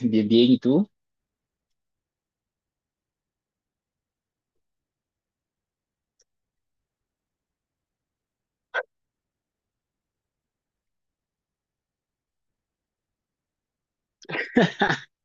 Bien, bien, ¿y tú?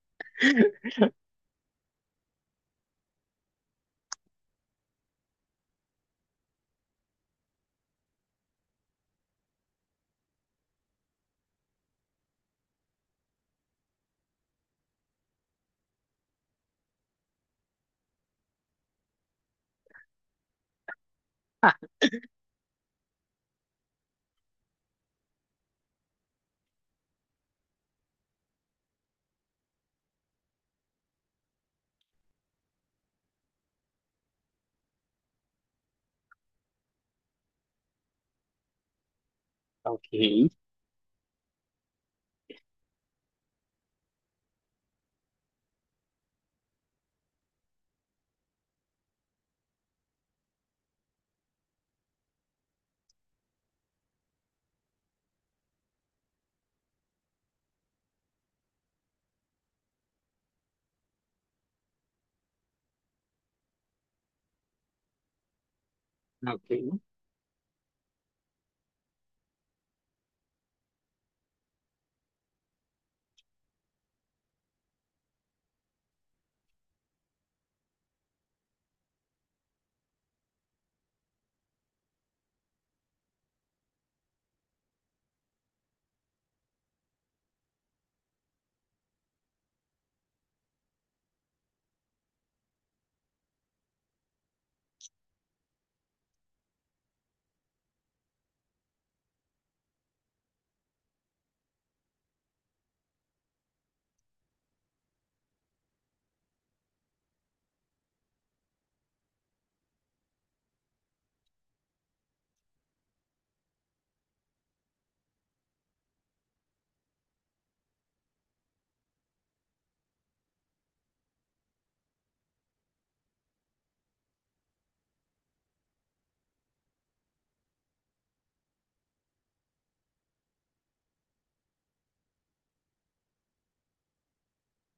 Ok, Ok.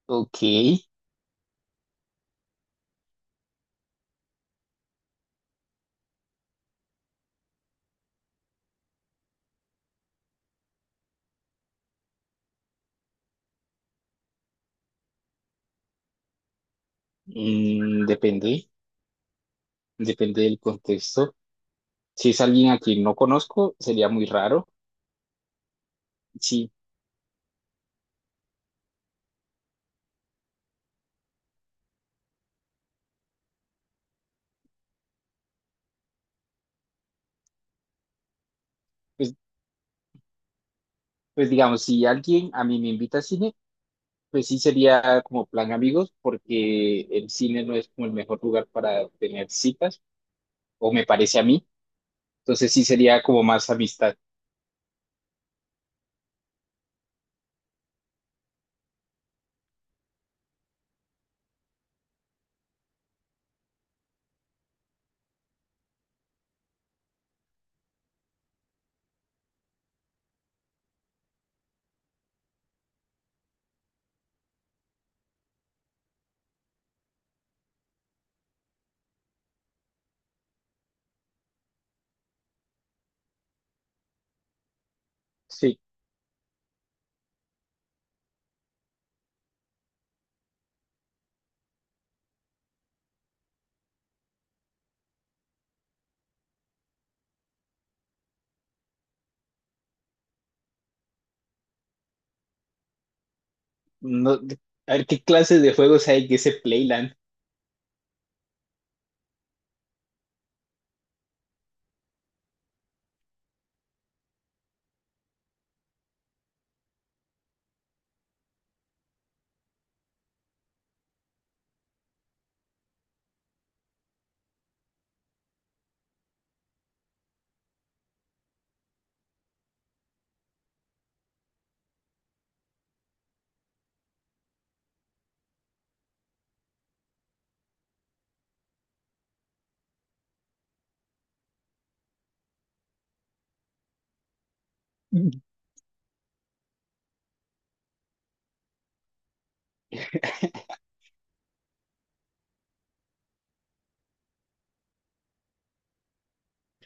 ok. Depende, Depende del contexto. Si es alguien a quien no conozco, sería muy raro. Sí, pues, pues digamos, si alguien a mí me invita a cine, pues sí sería como plan amigos, porque el cine no es como el mejor lugar para tener citas, o me parece a mí. Entonces sí sería como más amistad. Sí, no, a ver qué clases de juegos hay en ese Playland.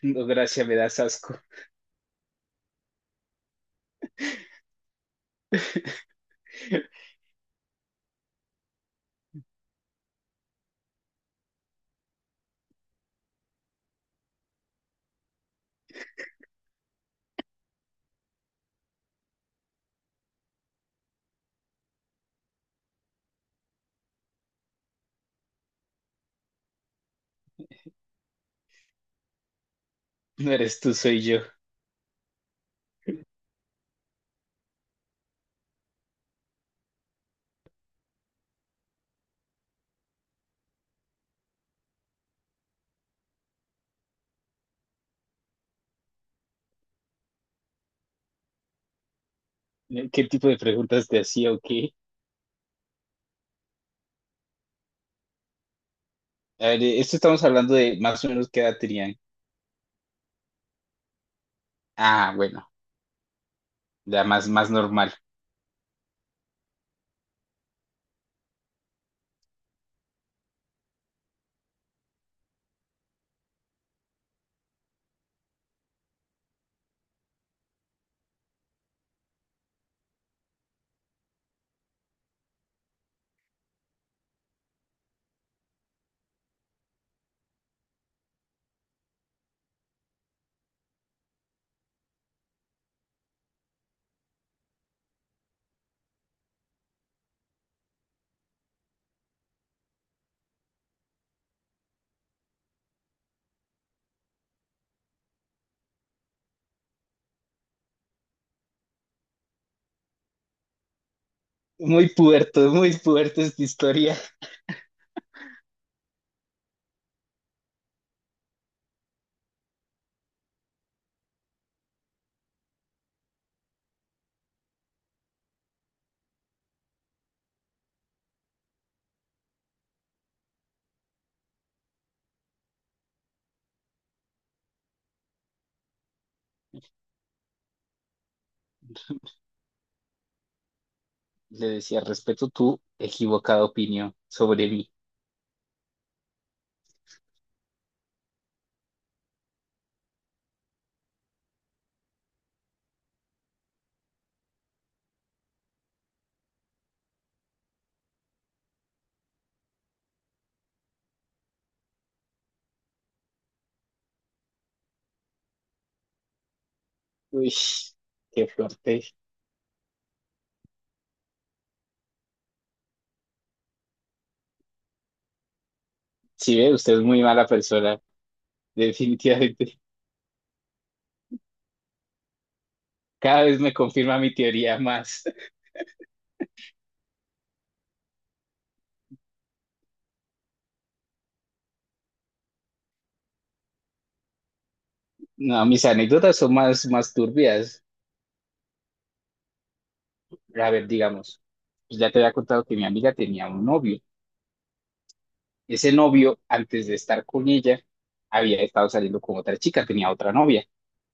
No, gracias, me das asco. No eres tú, soy yo. ¿Qué tipo de preguntas te hacía o qué? A ver, esto estamos hablando de más o menos qué edad tenían. Ah, bueno, ya más, más normal. Muy puerto esta historia. Le decía, respeto tu equivocada opinión sobre mí. Uy, qué fuerte. Sí, ve, usted es muy mala persona, definitivamente. Cada vez me confirma mi teoría más. No, mis anécdotas son más, más turbias. A ver, digamos, pues ya te había contado que mi amiga tenía un novio. Ese novio, antes de estar con ella, había estado saliendo con otra chica, tenía otra novia,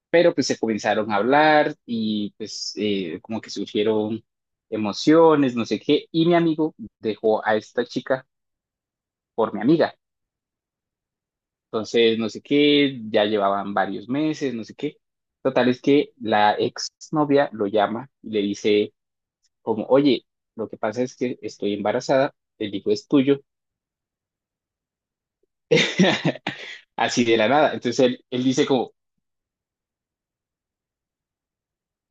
pero pues se comenzaron a hablar y pues como que surgieron emociones, no sé qué, y mi amigo dejó a esta chica por mi amiga. Entonces, no sé qué, ya llevaban varios meses, no sé qué. Total es que la ex novia lo llama y le dice como, oye, lo que pasa es que estoy embarazada, el hijo es tuyo. Así de la nada. Entonces él dice como,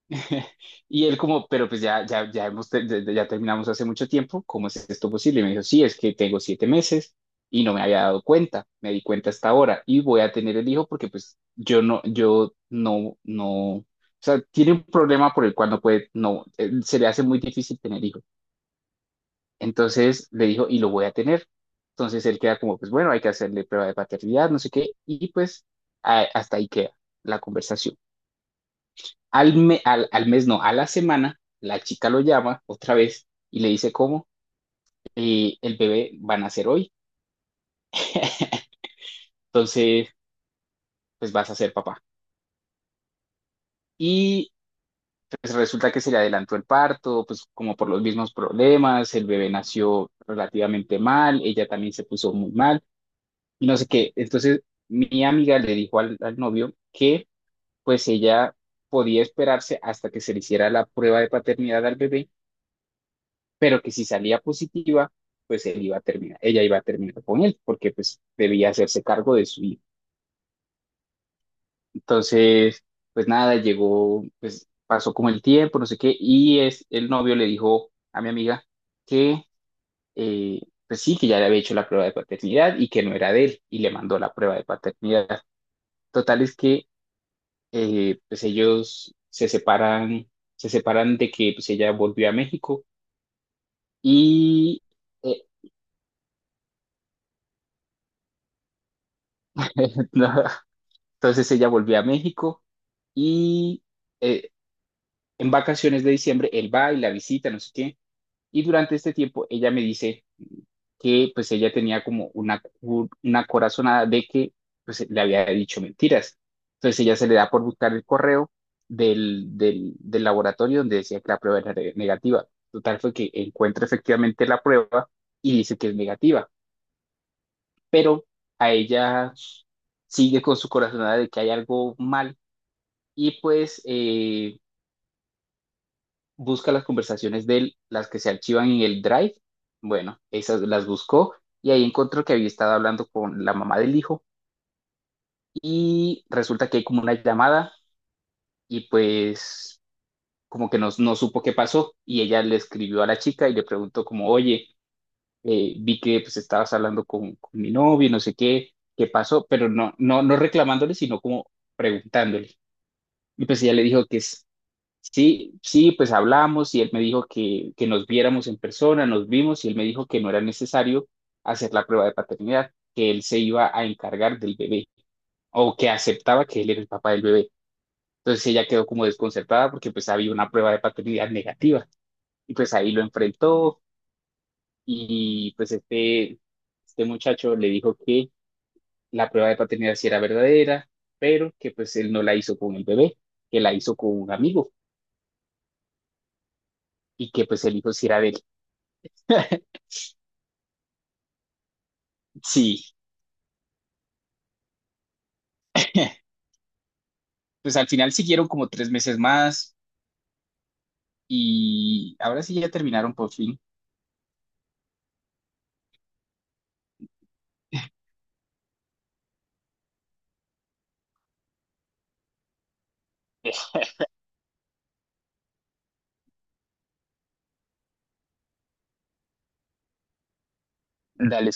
Y él como, pero pues ya, ya, ya, hemos, te- ya ya terminamos hace mucho tiempo, ¿cómo es esto posible? Y me dijo, sí, es que tengo 7 meses y no me había dado cuenta, me di cuenta hasta ahora y voy a tener el hijo porque pues yo no, yo no, no, o sea, tiene un problema por el cual no puede, no, se le hace muy difícil tener hijo. Entonces le dijo, y lo voy a tener. Entonces él queda como, pues bueno, hay que hacerle prueba de paternidad, no sé qué, y pues hasta ahí queda la conversación. Al mes, no, a la semana, la chica lo llama otra vez y le dice cómo el bebé va a nacer hoy, entonces pues vas a ser papá. Y pues resulta que se le adelantó el parto, pues como por los mismos problemas, el bebé nació relativamente mal, ella también se puso muy mal y no sé qué. Entonces mi amiga le dijo al novio que pues ella podía esperarse hasta que se le hiciera la prueba de paternidad al bebé pero que si salía positiva, pues él iba a terminar, ella iba a terminar con él, porque pues debía hacerse cargo de su hijo. Entonces, pues nada, llegó, pues pasó como el tiempo, no sé qué, el novio le dijo a mi amiga que, eh, pues sí, que ya le había hecho la prueba de paternidad y que no era de él, y le mandó la prueba de paternidad. Total es que, pues ellos se separan de que pues ella volvió a México y... eh, no, Entonces ella volvió a México y eh, en vacaciones de diciembre él va y la visita, no sé qué. Y durante este tiempo ella me dice que pues ella tenía como una, una corazonada de que pues le había dicho mentiras. Entonces ella se le da por buscar el correo del laboratorio donde decía que la prueba era negativa. Total fue que encuentra efectivamente la prueba y dice que es negativa, pero a ella sigue con su corazonada de que hay algo mal y pues busca las conversaciones de él, las que se archivan en el Drive. Bueno, esas las buscó y ahí encontró que había estado hablando con la mamá del hijo y resulta que hay como una llamada y pues como que no, no supo qué pasó y ella le escribió a la chica y le preguntó como, oye, vi que pues estabas hablando con mi novio, y no sé qué, qué pasó, pero no, no, no reclamándole, sino como preguntándole. Y pues ella le dijo que, sí, sí, pues hablamos y él me dijo que nos viéramos en persona, nos vimos y él me dijo que no era necesario hacer la prueba de paternidad, que él se iba a encargar del bebé o que aceptaba que él era el papá del bebé. Entonces ella quedó como desconcertada porque pues había una prueba de paternidad negativa y pues ahí lo enfrentó y pues este muchacho le dijo que la prueba de paternidad sí era verdadera, pero que pues él no la hizo con el bebé, que la hizo con un amigo y que pues el hijo sí era de él. Sí. Pues al final siguieron como 3 meses más y ahora sí ya terminaron por fin. Mm. Dale,